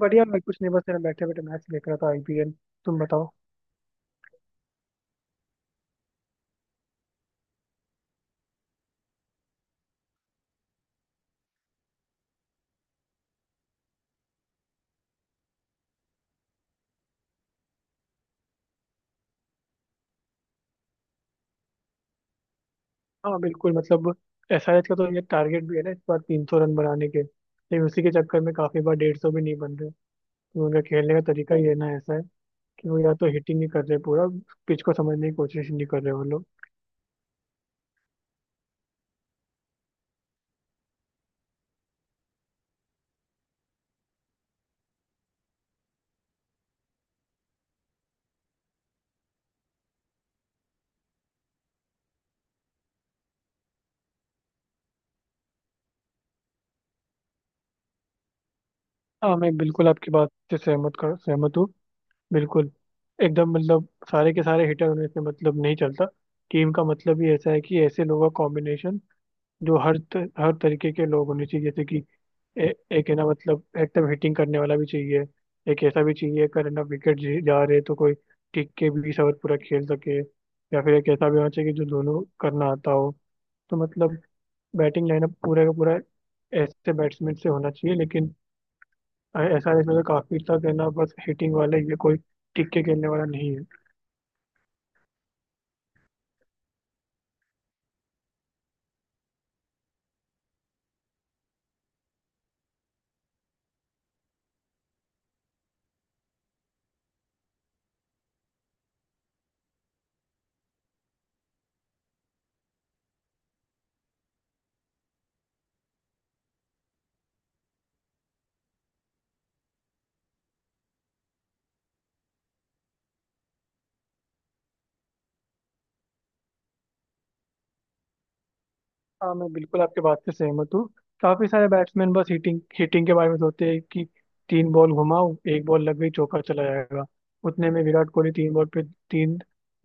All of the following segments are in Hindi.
बढ़िया। मैं कुछ नहीं, बस मैं बैठे बैठे मैच देख रहा था, आईपीएल। तुम बताओ। हाँ, बिल्कुल। मतलब एसआरएच का तो ये टारगेट भी है ना इस बार 300 रन बनाने के, लेकिन उसी के चक्कर में काफी बार 150 भी नहीं बन रहे। तो उनका खेलने का तरीका ही है ना ऐसा है कि वो या तो हिटिंग नहीं कर रहे पूरा। पिच को समझने की कोशिश नहीं कर रहे वो लोग। हाँ, मैं बिल्कुल आपकी बात से सहमत हूँ। बिल्कुल। एकदम मतलब सारे के सारे हिटर होने से मतलब नहीं चलता। टीम का मतलब ही ऐसा है कि ऐसे लोगों का कॉम्बिनेशन जो हर हर तरीके के लोग होने चाहिए। जैसे कि एक है ना, मतलब एकदम हिटिंग करने वाला भी चाहिए। एक ऐसा भी चाहिए कर है ना, विकेट जा रहे तो कोई टिक के 20 ओवर पूरा खेल सके। या फिर एक ऐसा भी होना चाहिए कि जो दोनों करना आता हो। तो मतलब बैटिंग लाइनअप पूरा का पूरा ऐसे बैट्समैन से होना चाहिए। लेकिन ऐसा है इसमें तो, काफी तक है ना, बस हिटिंग वाला ही है। कोई टिक के खेलने वाला नहीं है। हाँ, मैं बिल्कुल आपके बात से सहमत हूँ। काफी सारे बैट्समैन बस हिटिंग हिटिंग के बारे में सोचते हैं कि 3 बॉल घुमाओ, एक बॉल लग गई, चौका चला जाएगा। उतने में विराट कोहली 3 बॉल पे तीन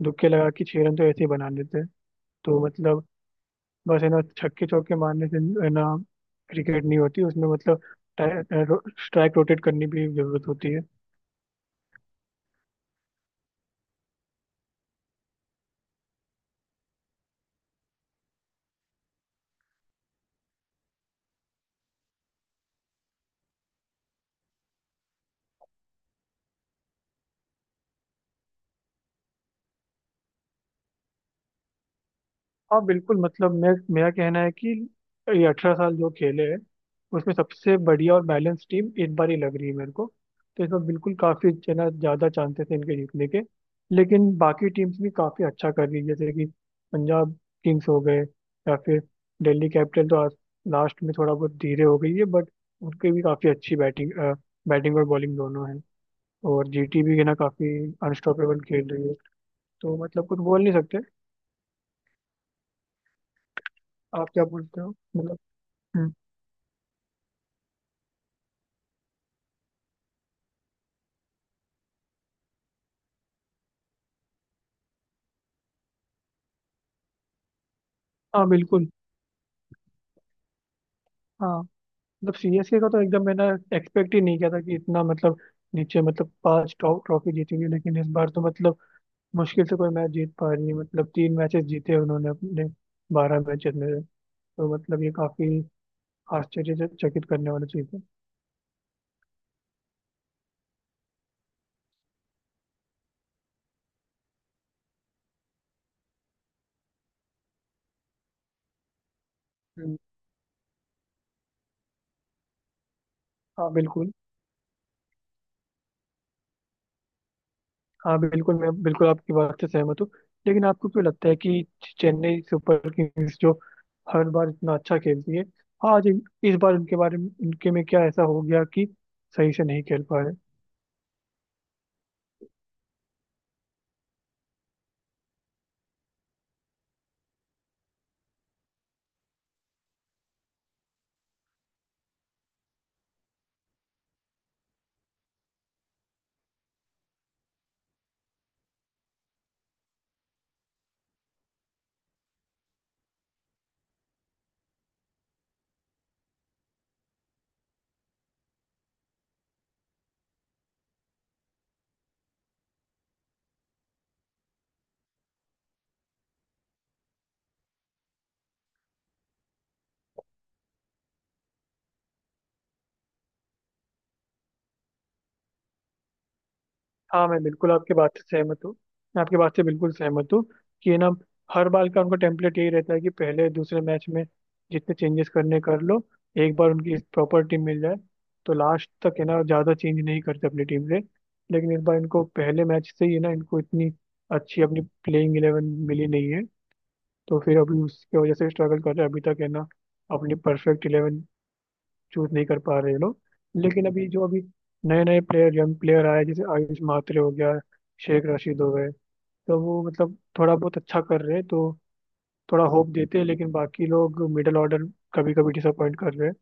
दुक्के लगा के 6 रन तो ऐसे ही बना लेते हैं। तो मतलब बस है ना छक्के चौके मारने से, है ना, क्रिकेट नहीं होती। उसमें मतलब स्ट्राइक रोटेट करने की भी जरूरत होती है। हाँ, बिल्कुल। मतलब मैं मेरा कहना है कि ये 18 साल जो खेले हैं, उसमें सबसे बढ़िया और बैलेंस टीम इस बार ही लग रही है मेरे को। तो इसमें बिल्कुल काफ़ी जना ज़्यादा चांसेस हैं इनके जीतने के। लेकिन बाकी टीम्स भी काफ़ी अच्छा कर रही है। जैसे कि पंजाब किंग्स हो गए, या फिर दिल्ली कैपिटल तो आज लास्ट में थोड़ा बहुत धीरे हो गई है, बट उनकी भी काफ़ी अच्छी बैटिंग बैटिंग और बॉलिंग दोनों है। और जीटी भी है ना काफ़ी अनस्टॉपेबल खेल रही है। तो मतलब कुछ बोल नहीं सकते। आप क्या बोलते हो? मतलब। हम्म। हाँ, बिल्कुल। हाँ, मतलब सीएसके का तो एकदम मैंने एक्सपेक्ट ही नहीं किया था कि इतना मतलब नीचे, मतलब पांच टॉप ट्रॉफी जीतेगी, लेकिन इस बार तो मतलब मुश्किल से कोई मैच जीत पा रही है। मतलब 3 मैचेस जीते हैं उन्होंने अपने 12 मैचेस में। तो मतलब ये काफी आश्चर्यचकित करने वाली चीज है। हम्म, हाँ, बिल्कुल। हाँ, बिल्कुल, मैं बिल्कुल आपकी बात से सहमत हूँ। लेकिन आपको क्यों लगता है कि चेन्नई सुपर किंग्स जो हर बार इतना अच्छा खेलती है, आज इस बार उनके बारे में, उनके में क्या ऐसा हो गया कि सही से नहीं खेल पा रहे? हाँ, मैं बिल्कुल आपके बात से सहमत हूँ। मैं आपकी बात से बिल्कुल सहमत हूँ कि ना, हर बार का उनका टेम्पलेट यही रहता है कि पहले दूसरे मैच में जितने चेंजेस करने कर लो, एक बार उनकी प्रॉपर टीम मिल जाए तो लास्ट तक है ना ज़्यादा चेंज नहीं करते अपनी टीम से। लेकिन इस बार इनको पहले मैच से ही है ना, इनको इतनी अच्छी अपनी प्लेइंग इलेवन मिली नहीं है। तो फिर अभी उसकी वजह से स्ट्रगल कर रहे हैं अभी तक, है ना। अपनी परफेक्ट इलेवन चूज नहीं कर पा रहे ये लोग। लेकिन अभी जो अभी नए नए प्लेयर, यंग प्लेयर आए, जैसे आयुष मात्रे हो गया, शेख रशीद हो गए, तो वो मतलब थोड़ा बहुत अच्छा कर रहे हैं। तो थोड़ा होप देते हैं, लेकिन बाकी लोग मिडिल ऑर्डर कभी कभी डिसअपॉइंट कर रहे हैं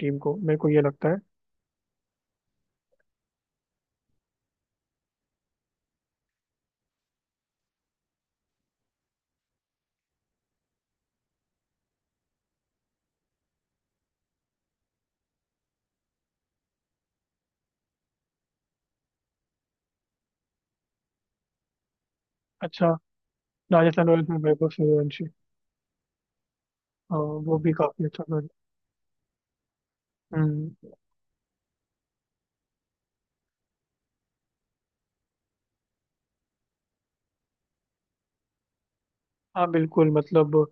टीम को, मेरे को ये लगता है। अच्छा। राजस्थान रॉयल्स में वैभव सूर्यवंशी, वो भी काफी अच्छा कर रहे हैं। हम्म। हाँ, बिल्कुल। मतलब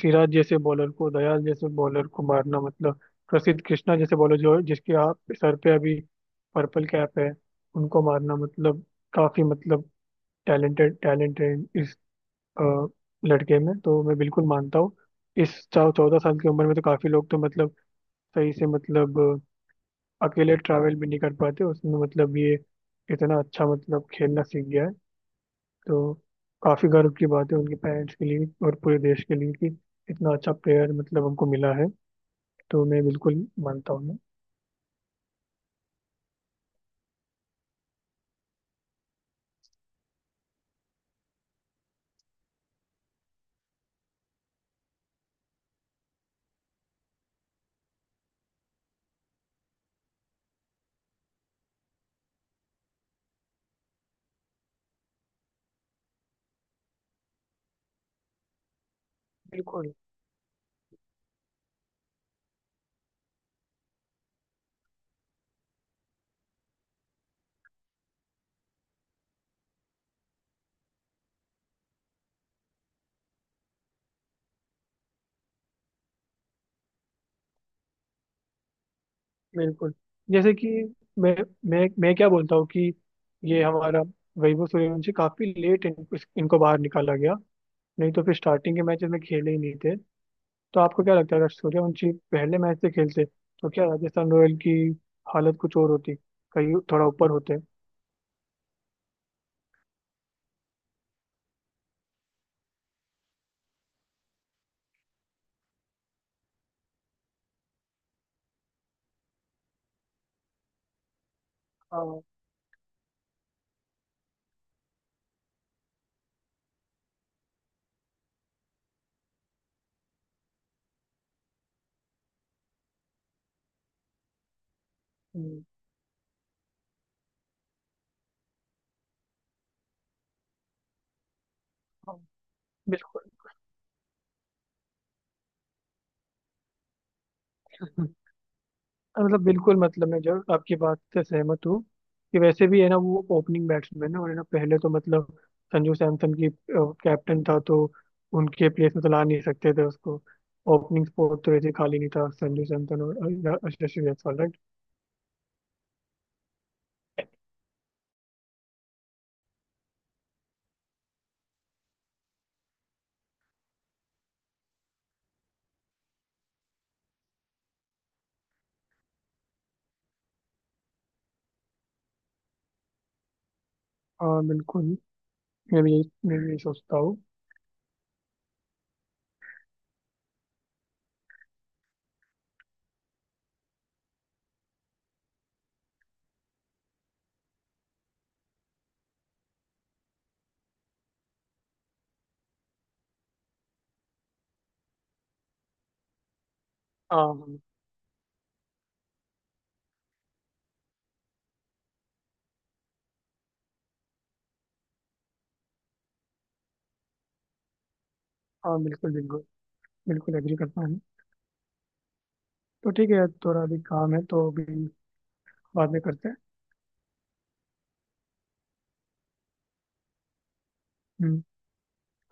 सिराज जैसे बॉलर को, दयाल जैसे बॉलर को मारना, मतलब प्रसिद्ध कृष्णा जैसे बॉलर जो जिसके आप सर पे अभी पर्पल कैप है, उनको मारना, मतलब काफी मतलब टैलेंटेड, टैलेंटेड इस अ, लड़के में तो मैं बिल्कुल मानता हूँ। इस चौ 14 साल की उम्र में तो काफी लोग तो मतलब सही से, मतलब अकेले ट्रैवल भी नहीं कर पाते। उसमें मतलब ये इतना अच्छा मतलब खेलना सीख गया है। तो काफी गर्व की बात है उनके पेरेंट्स के लिए और पूरे देश के लिए कि इतना अच्छा प्लेयर मतलब हमको मिला है। तो मैं बिल्कुल मानता हूँ मैं। बिल्कुल, बिल्कुल। जैसे कि मैं मैं क्या बोलता हूँ कि ये हमारा वैभव सूर्यवंशी काफी लेट इनको बाहर निकाला गया, नहीं तो फिर स्टार्टिंग के मैचेस में खेले ही नहीं थे। तो आपको क्या लगता है, अगर सूर्यवंशी पहले मैच से खेलते तो क्या राजस्थान रॉयल की हालत कुछ और होती? कहीं थोड़ा ऊपर होते? हाँ। हम्म। हाँ, बिल्कुल। हाँ, मतलब बिल्कुल। मतलब मैं जब आपकी बात से सहमत हूँ कि वैसे भी है ना वो ओपनिंग बैट्समैन है, और है ना पहले तो मतलब संजू सैमसन की कैप्टन था तो उनके प्लेस में तो ला नहीं सकते थे उसको। ओपनिंग स्पॉट तो ऐसे खाली नहीं था। संजू सैमसन और यशस्वी जायसवाल, राइट। हाँ, बिल्कुल। मैं भी यही सोचता हूँ। हाँ। हाँ। हाँ, बिल्कुल, बिल्कुल, बिल्कुल एग्री करता हूँ। तो ठीक है, थोड़ा अभी काम है तो अभी बाद में करते हैं। हम्म।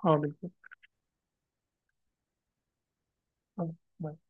हाँ, बिल्कुल। हाँ, bye.